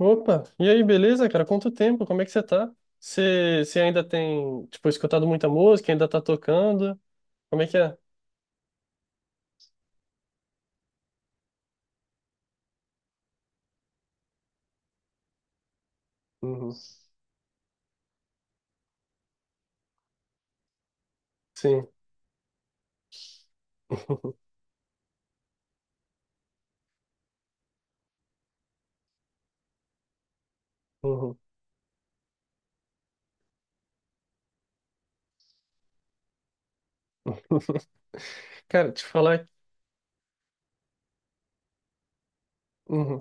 Opa, e aí, beleza, cara? Quanto tempo? Como é que você tá? Você ainda tem, tipo, escutado muita música, ainda tá tocando? Como é que é? Uhum. Sim. Uhum. Cara, te falar. Uhum.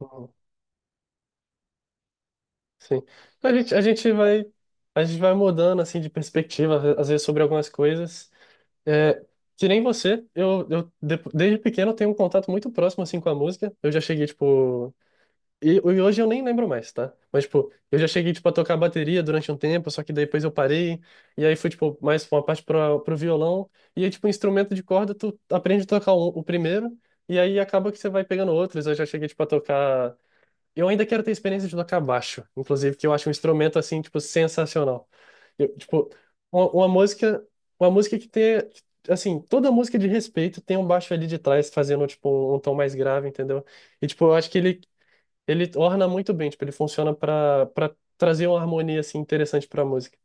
Uhum. Sim. A gente, a gente vai, a gente vai mudando, assim, de perspectiva, às vezes, sobre algumas coisas. É, que nem você, desde pequeno, eu tenho um contato muito próximo, assim, com a música. Eu já cheguei, tipo, E, e hoje eu nem lembro mais, tá? Mas, tipo, eu já cheguei, tipo, a tocar bateria durante um tempo, só que daí depois eu parei. E aí fui tipo, mais uma parte pro violão. E aí, tipo, instrumento de corda, tu aprende a tocar o primeiro. E aí acaba que você vai pegando outros. Eu já cheguei, tipo, a tocar... Eu ainda quero ter experiência de tocar baixo. Inclusive, que eu acho um instrumento, assim, tipo, sensacional. Eu, tipo, uma, uma música... Uma música que tem... Assim, toda música de respeito tem um baixo ali de trás fazendo, tipo, um tom mais grave, entendeu? E, tipo, eu acho que ele orna muito bem, tipo, ele funciona pra para trazer uma harmonia assim interessante pra música.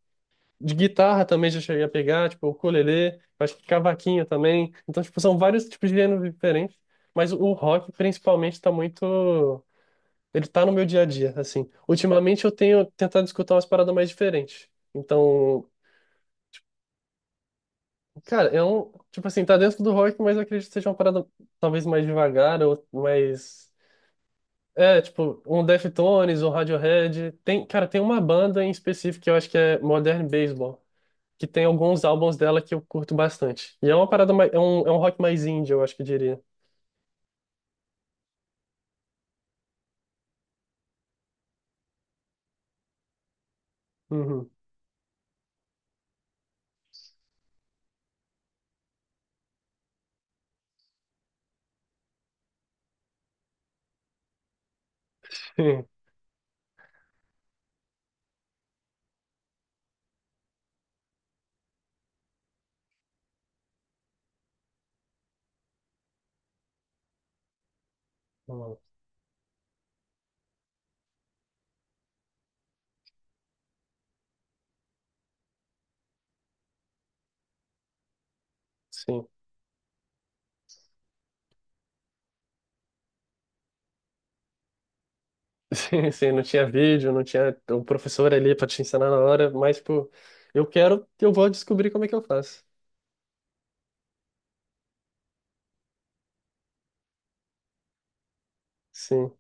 De guitarra também já cheguei a pegar, tipo, ukulele, acho que cavaquinho também. Então, tipo, são vários tipos de gêneros diferentes, mas o rock principalmente tá muito ele tá no meu dia a dia, assim. Ultimamente eu tenho tentado escutar umas paradas mais diferentes. Então, cara, é tipo assim, tá dentro do rock, mas eu acredito que seja uma parada talvez mais devagar ou mais É, tipo, um Deftones, um Radiohead. Tem, cara, tem uma banda em específico que eu acho que é Modern Baseball, que tem alguns álbuns dela que eu curto bastante. E é uma parada mais, é um rock mais indie, eu acho que eu diria. Uhum. Sim. Uhum. Sim. Sim, sim, não tinha vídeo, não tinha o professor ali pra te ensinar na hora, mas, tipo, eu quero, eu vou descobrir como é que eu faço. Sim.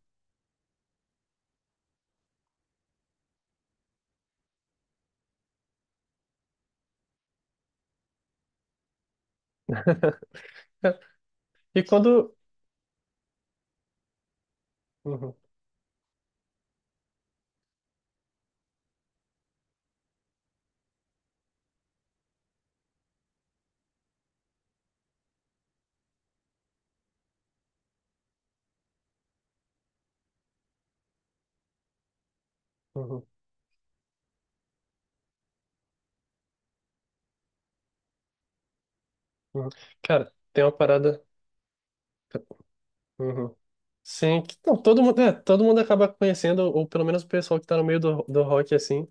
E quando. Uhum, uhum, uhum. Cara, tem uma parada. Uhum. Sim, que- não, todo mundo, é, todo mundo acaba conhecendo, ou pelo menos o pessoal que tá no meio do rock, assim.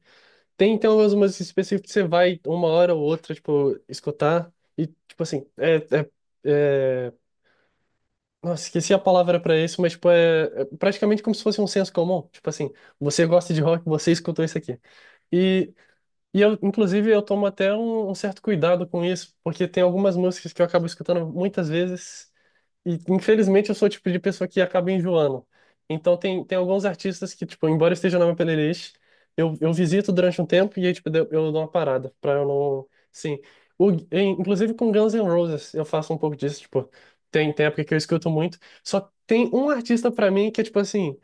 Tem, então umas músicas específicas que você vai uma hora ou outra, tipo, escutar, e, tipo assim, é- Nossa, esqueci a palavra pra isso, mas, tipo, é praticamente como se fosse um senso comum. Tipo assim, você gosta de rock, você escutou isso aqui. E, e eu, inclusive, eu tomo até um certo cuidado com isso, porque tem algumas músicas que eu acabo escutando muitas vezes e, infelizmente, eu sou o tipo de pessoa que acaba enjoando. Então, tem alguns artistas que, tipo, embora esteja na minha playlist, eu visito durante um tempo e aí, tipo, eu dou uma parada pra eu não... Sim. Inclusive com Guns N' Roses eu faço um pouco disso, tipo, tem época que eu escuto muito. Só tem um artista pra mim que é, tipo assim,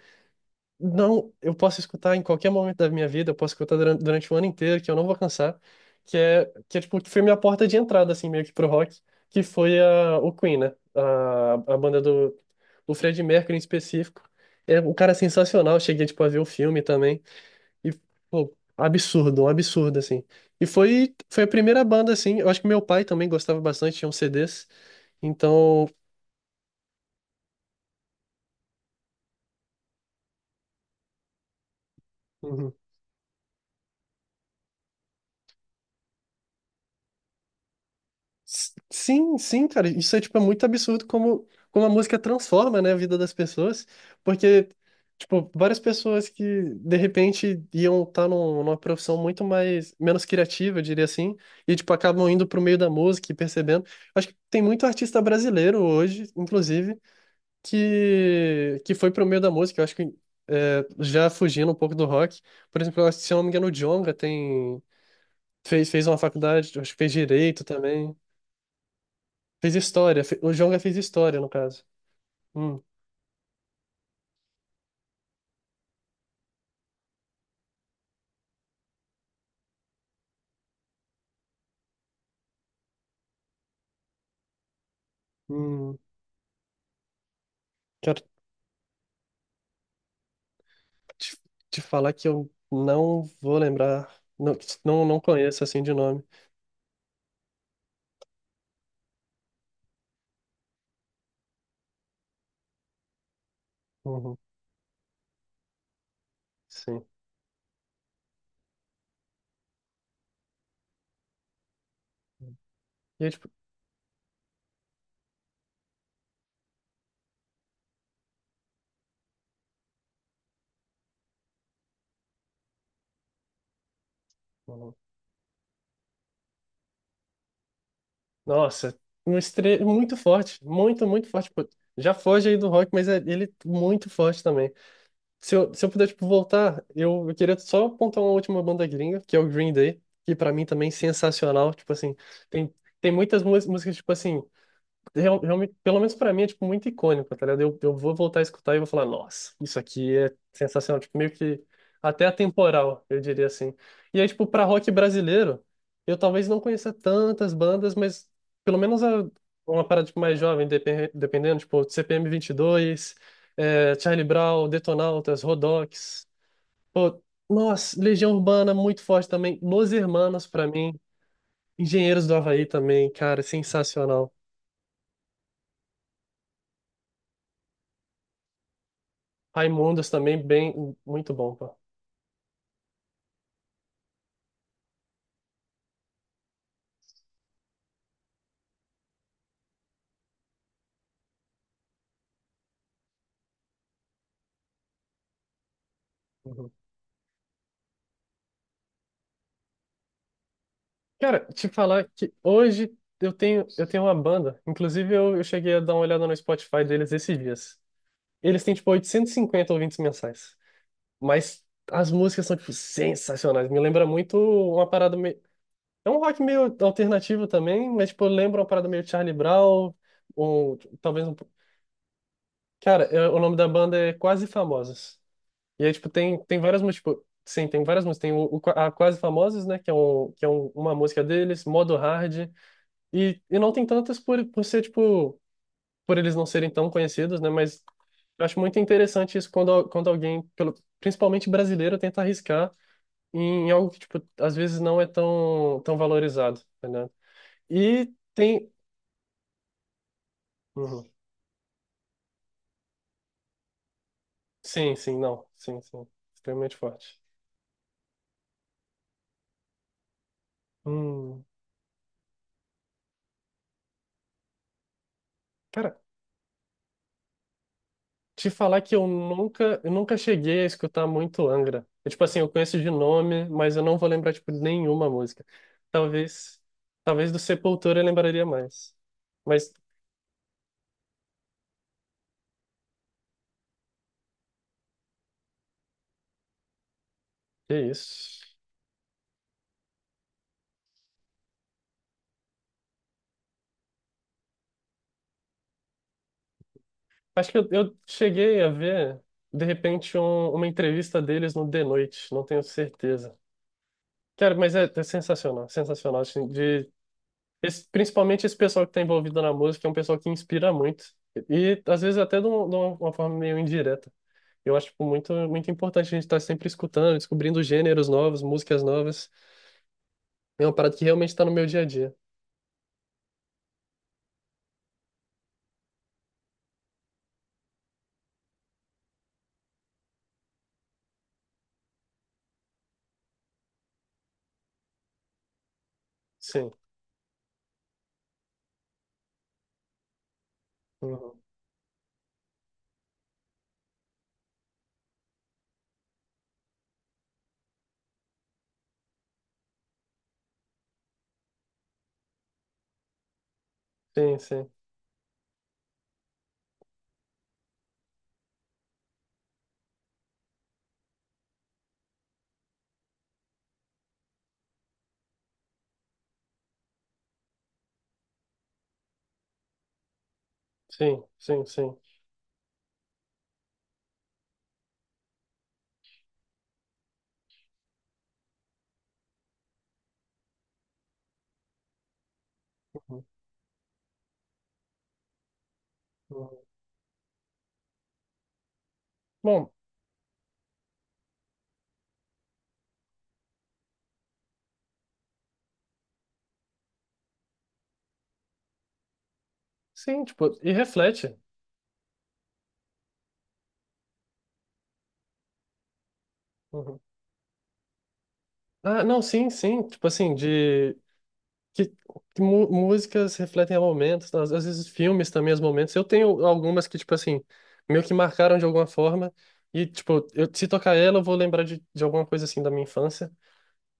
não, eu posso escutar em qualquer momento da minha vida, eu posso escutar durante o ano inteiro, que eu não vou cansar, que é tipo, que foi minha porta de entrada, assim, meio que pro rock, que foi o Queen, né? A banda do Freddie Mercury em específico. É um cara sensacional, cheguei, tipo, a ver o filme também, e, pô, absurdo, um absurdo, assim. E foi a primeira banda, assim, eu acho que meu pai também gostava bastante, tinha uns CDs, então... Sim, sim, cara. Isso é, tipo, é muito absurdo como, como a música transforma, né, a vida das pessoas. Porque, tipo, várias pessoas que, de repente, iam estar numa profissão muito mais, menos criativa, eu diria assim, e, tipo, acabam indo pro meio da música e percebendo. Acho que tem muito artista brasileiro hoje, inclusive, que foi pro meio da música. Eu acho que, é, já fugindo um pouco do rock. Por exemplo, eu acho que, se eu não me engano, o Djonga tem... fez uma faculdade, acho que fez direito também. Fez história. O Jonga fez história, no caso. Hum, hum, quero te, te falar que eu não vou lembrar. Não, não, não conheço assim de nome. Uhum, sim. E eu, tipo, uhum. Nossa, um estre... muito forte. Muito, muito forte. Pô, já foge aí do rock, mas ele é muito forte também. Se se eu puder, tipo, voltar, eu queria só apontar uma última banda gringa, que é o Green Day, que pra mim também é sensacional. Tipo assim, tem, tem muitas músicas, tipo assim. Realmente, pelo menos pra mim, é tipo muito icônico, tá ligado? Eu vou voltar a escutar e vou falar, nossa, isso aqui é sensacional, tipo meio que até atemporal, eu diria assim. E aí, tipo, pra rock brasileiro, eu talvez não conheça tantas bandas, mas pelo menos uma parada tipo, mais jovem, dependendo, tipo CPM 22, é, Charlie Brown, Detonautas, Rodox. Pô, nossa, Legião Urbana muito forte também, Los Hermanos pra mim, Engenheiros do Havaí também, cara, sensacional. Raimundos também, bem, muito bom, pô. Uhum. Cara, te falar que hoje eu tenho uma banda. Inclusive, eu cheguei a dar uma olhada no Spotify deles esses dias. Eles têm, tipo, 850 ouvintes mensais. Mas as músicas são, tipo, sensacionais. Me lembra muito uma parada meio. É um rock meio alternativo também, mas, tipo, lembra uma parada meio Charlie Brown, ou talvez um. Cara, o nome da banda é Quase Famosas. E aí, tipo, tem várias músicas. Tipo, sim, tem várias músicas. Tem o a Quase Famosas, né? Que é, um, que é uma música deles, Modo Hard. E não tem tantas por ser, tipo, por eles não serem tão conhecidos, né? Mas eu acho muito interessante isso quando, quando alguém, pelo, principalmente brasileiro, tenta arriscar. Em algo que, tipo, às vezes não é tão valorizado, tá ligado? E tem... Uhum. Sim, sim, não. Sim, sim. Extremamente forte. Hum. Cara, te falar que eu nunca cheguei a escutar muito Angra. Eu, tipo assim, eu conheço de nome, mas eu não vou lembrar, tipo, nenhuma música. Talvez, talvez do Sepultura eu lembraria mais. Mas, que isso. Acho que eu cheguei a ver, de repente, uma entrevista deles no The Noite, não tenho certeza. Cara, mas é, é sensacional, sensacional, assim, de, principalmente esse pessoal que está envolvido na música, é um pessoal que inspira muito, e às vezes até de uma forma meio indireta. Eu acho, tipo, muito, muito importante a gente estar sempre escutando, descobrindo gêneros novos, músicas novas, é uma parada que realmente está no meu dia a dia. Sim, uhum. Sim, sim, sim. Uhum. Uhum. Bom, sim, tipo, e reflete. Uhum. Ah, não, sim, sim, tipo assim, de que, que músicas refletem momentos, tá? Às às vezes filmes também, os momentos. Eu tenho algumas que, tipo assim, meio que marcaram de alguma forma. E, tipo, eu, se tocar ela, eu vou lembrar de alguma coisa assim da minha infância.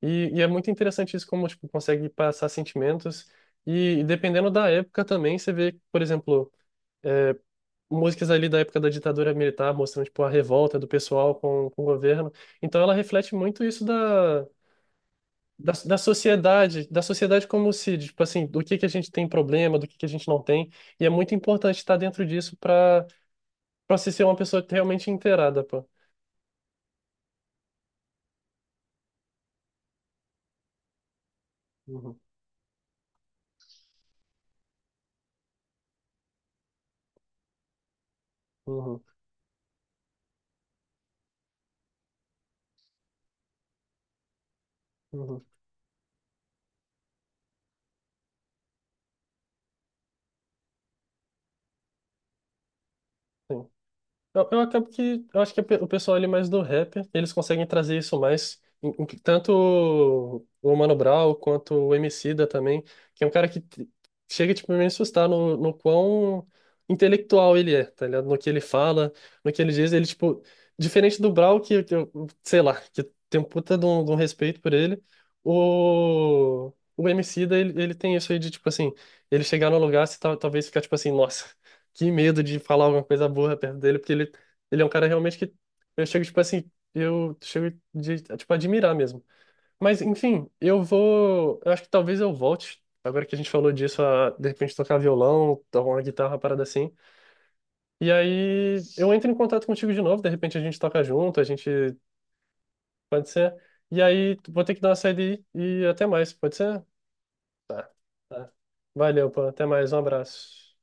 E é muito interessante isso, como, tipo, consegue passar sentimentos. E, dependendo da época também, você vê, por exemplo, músicas ali da época da ditadura militar, mostrando, tipo, a revolta do pessoal com o governo. Então ela reflete muito isso da da sociedade como se, tipo assim, do que a gente tem problema, do que a gente não tem, e é muito importante estar dentro disso para para se ser uma pessoa realmente inteirada, pô. Uhum, uhum, uhum, sim. Eu acabo que. Eu acho que o pessoal ali mais do rap, eles conseguem trazer isso mais. Tanto o Mano Brown quanto o Emicida também, que é um cara que chega, tipo, a me assustar no quão intelectual ele é, tá ligado? No que ele fala, no que ele diz, ele, tipo, diferente do Brown, sei lá, que tem um puta de de um respeito por ele, o Emicida, ele tem isso aí de, tipo, assim, ele chegar no lugar, você talvez ficar, tipo assim, nossa que medo de falar alguma coisa burra perto dele, porque ele é um cara realmente que eu chego, tipo assim, eu chego de, tipo, admirar mesmo. Mas, enfim, eu vou. Eu acho que talvez eu volte, agora que a gente falou disso, a de repente tocar violão, tocar uma guitarra, uma parada assim. E aí eu entro em contato contigo de novo, de repente a gente toca junto, a gente. Pode ser. E aí vou ter que dar uma saída aí, e até mais, pode ser? Tá. Tá. Valeu, pô. Até mais, um abraço.